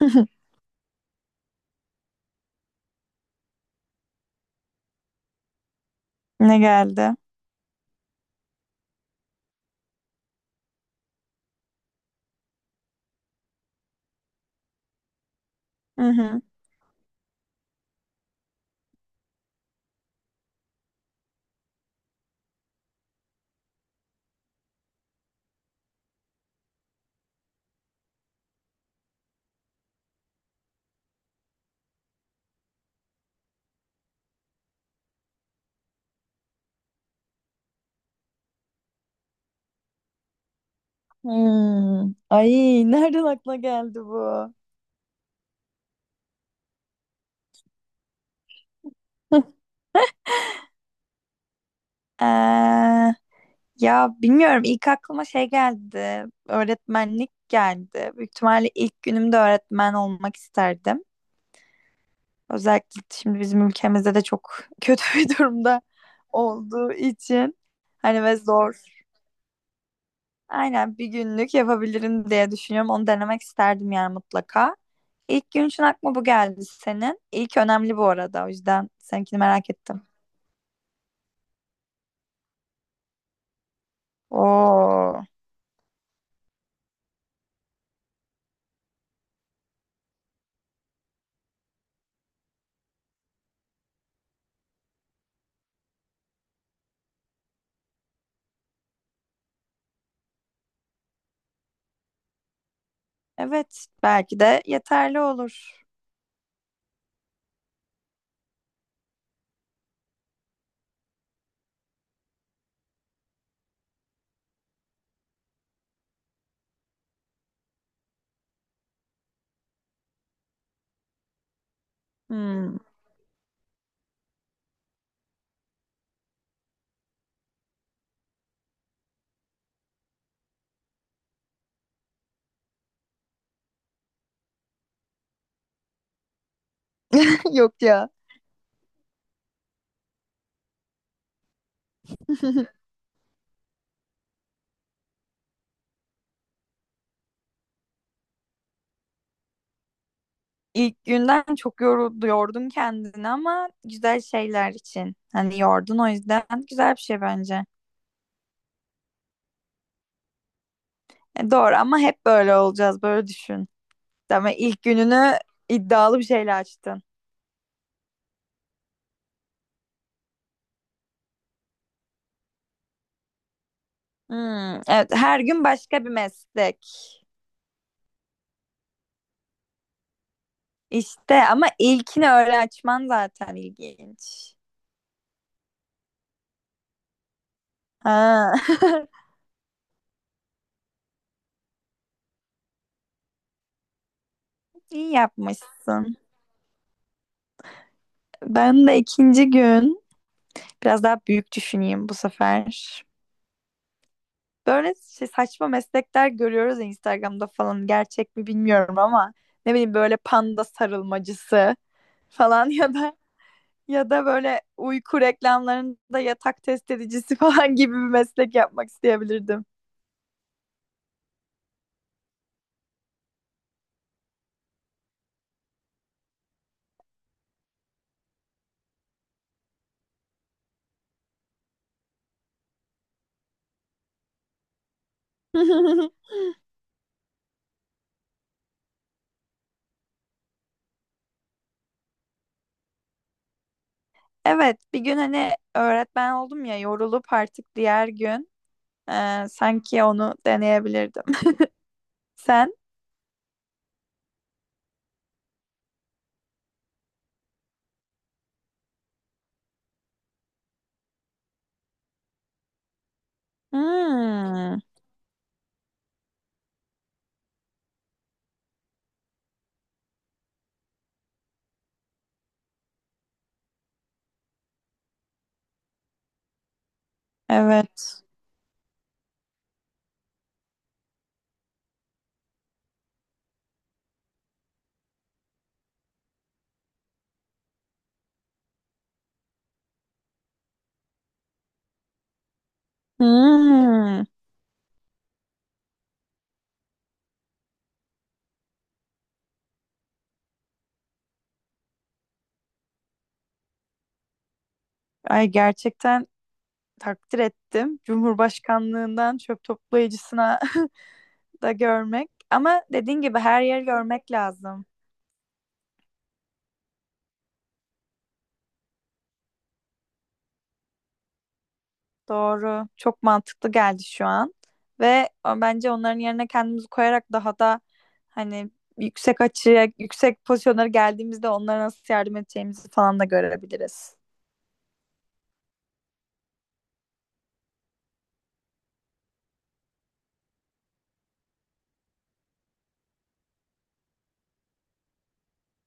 Ne geldi? Hı hı. Hmm. Ay nereden aklına geldi bu? Ee, ya bilmiyorum ilk aklıma şey geldi. Öğretmenlik geldi. Büyük ihtimalle ilk günümde öğretmen olmak isterdim. Özellikle şimdi bizim ülkemizde de çok kötü bir durumda olduğu için. Hani ve zor. Aynen bir günlük yapabilirim diye düşünüyorum. Onu denemek isterdim yani mutlaka. İlk gün için aklıma bu geldi senin. İlk önemli bu arada. O yüzden seninkini merak ettim. Oo. Evet, belki de yeterli olur. Hmm. Yok ya. İlk günden çok yoruldu, yordun kendini ama güzel şeyler için. Hani yordun o yüzden güzel bir şey bence. E, doğru ama hep böyle olacağız, böyle düşün. Ama ilk gününü iddialı bir şeyle açtın. Hmm, evet her gün başka bir meslek. İşte ama ilkini öyle açman zaten ilginç. Ha. İyi yapmışsın. Ben de ikinci gün biraz daha büyük düşüneyim bu sefer. Böyle şey, saçma meslekler görüyoruz ya Instagram'da falan gerçek mi bilmiyorum ama ne bileyim böyle panda sarılmacısı falan ya da böyle uyku reklamlarında yatak test edicisi falan gibi bir meslek yapmak isteyebilirdim. Evet, bir gün hani öğretmen oldum ya yorulup artık diğer gün sanki onu deneyebilirdim. Sen? Hmm, evet. Hmm. Ay gerçekten takdir ettim. Cumhurbaşkanlığından çöp toplayıcısına da görmek. Ama dediğin gibi her yer görmek lazım. Doğru. Çok mantıklı geldi şu an. Ve bence onların yerine kendimizi koyarak daha da hani yüksek açıya, yüksek pozisyonlara geldiğimizde onlara nasıl yardım edeceğimizi falan da görebiliriz.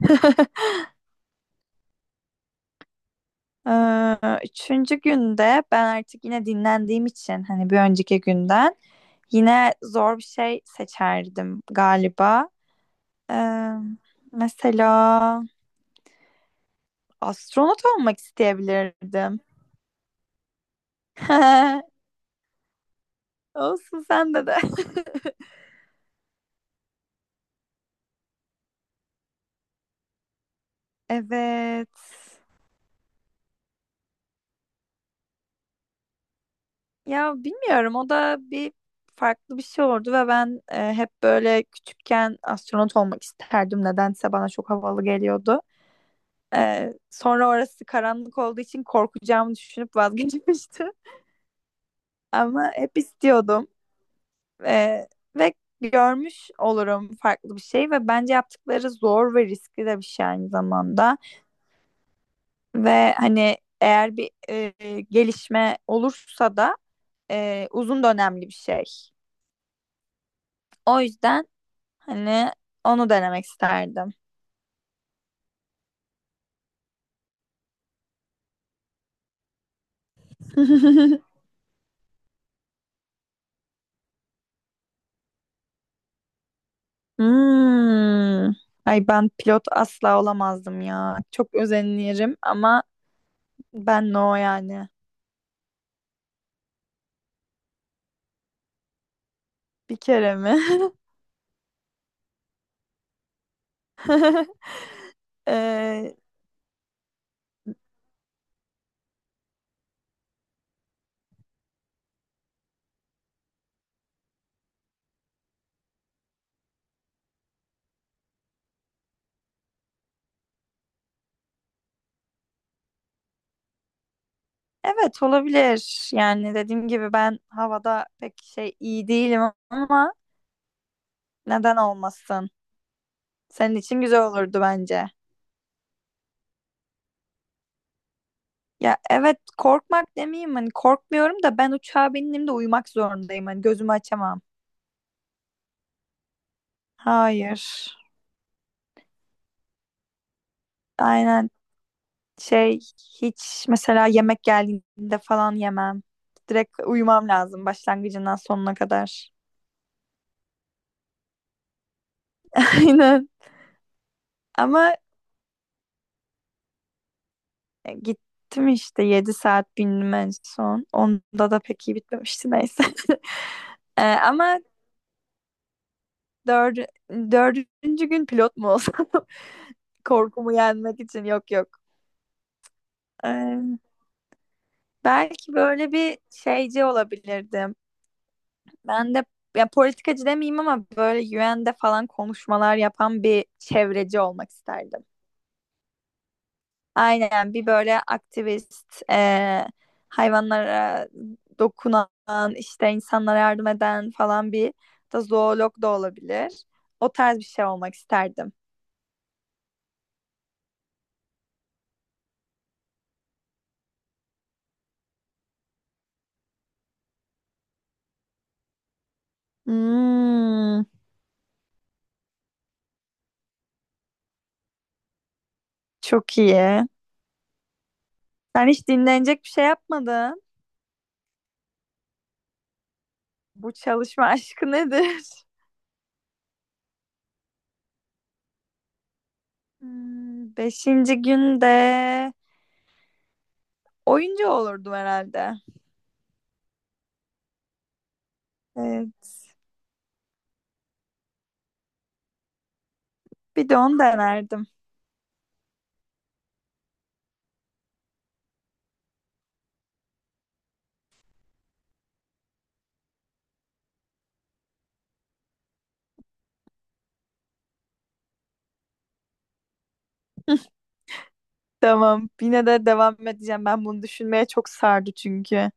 Ee, Üçüncü günde ben artık yine dinlendiğim için hani bir önceki günden yine zor bir şey seçerdim galiba. Ee, Mesela astronot olmak isteyebilirdim. Olsun sende de. Evet. Ya bilmiyorum o da bir farklı bir şey oldu ve ben hep böyle küçükken astronot olmak isterdim. Nedense bana çok havalı geliyordu. E, sonra orası karanlık olduğu için korkacağımı düşünüp vazgeçmiştim. Ama hep istiyordum. E, ve görmüş olurum farklı bir şey ve bence yaptıkları zor ve riskli de bir şey aynı zamanda. Ve hani eğer bir gelişme olursa da uzun dönemli bir şey. O yüzden hani onu denemek isterdim. Hmm. Ay ben pilot asla olamazdım ya. Çok özenirim ama ben no yani. Bir kere mi? Ee, evet, olabilir. Yani dediğim gibi ben havada pek şey iyi değilim ama neden olmasın? Senin için güzel olurdu bence. Ya evet korkmak demeyeyim hani korkmuyorum da ben uçağa bindiğimde uyumak zorundayım. Hani gözümü açamam. Hayır. Aynen şey hiç mesela yemek geldiğinde falan yemem. Direkt uyumam lazım başlangıcından sonuna kadar. Aynen. Ama gittim işte 7 saat bindim en son. Onda da pek iyi bitmemişti neyse. Ama dördü- dördüncü gün pilot mu olsam? Korkumu yenmek için yok yok. Ee, Belki böyle bir şeyci olabilirdim. Ben de ya politikacı demeyeyim ama böyle UN'de falan konuşmalar yapan bir çevreci olmak isterdim. Aynen bir böyle aktivist, hayvanlara dokunan, işte insanlara yardım eden falan bir da zoolog da olabilir. O tarz bir şey olmak isterdim. Hmm, çok iyi. Sen hiç dinlenecek bir şey yapmadın. Bu çalışma aşkı nedir? Hmm, beşinci günde oyuncu olurdum herhalde. Evet. Bir de onu denerdim. Tamam. Yine de devam edeceğim. Ben bunu düşünmeye çok sardı çünkü.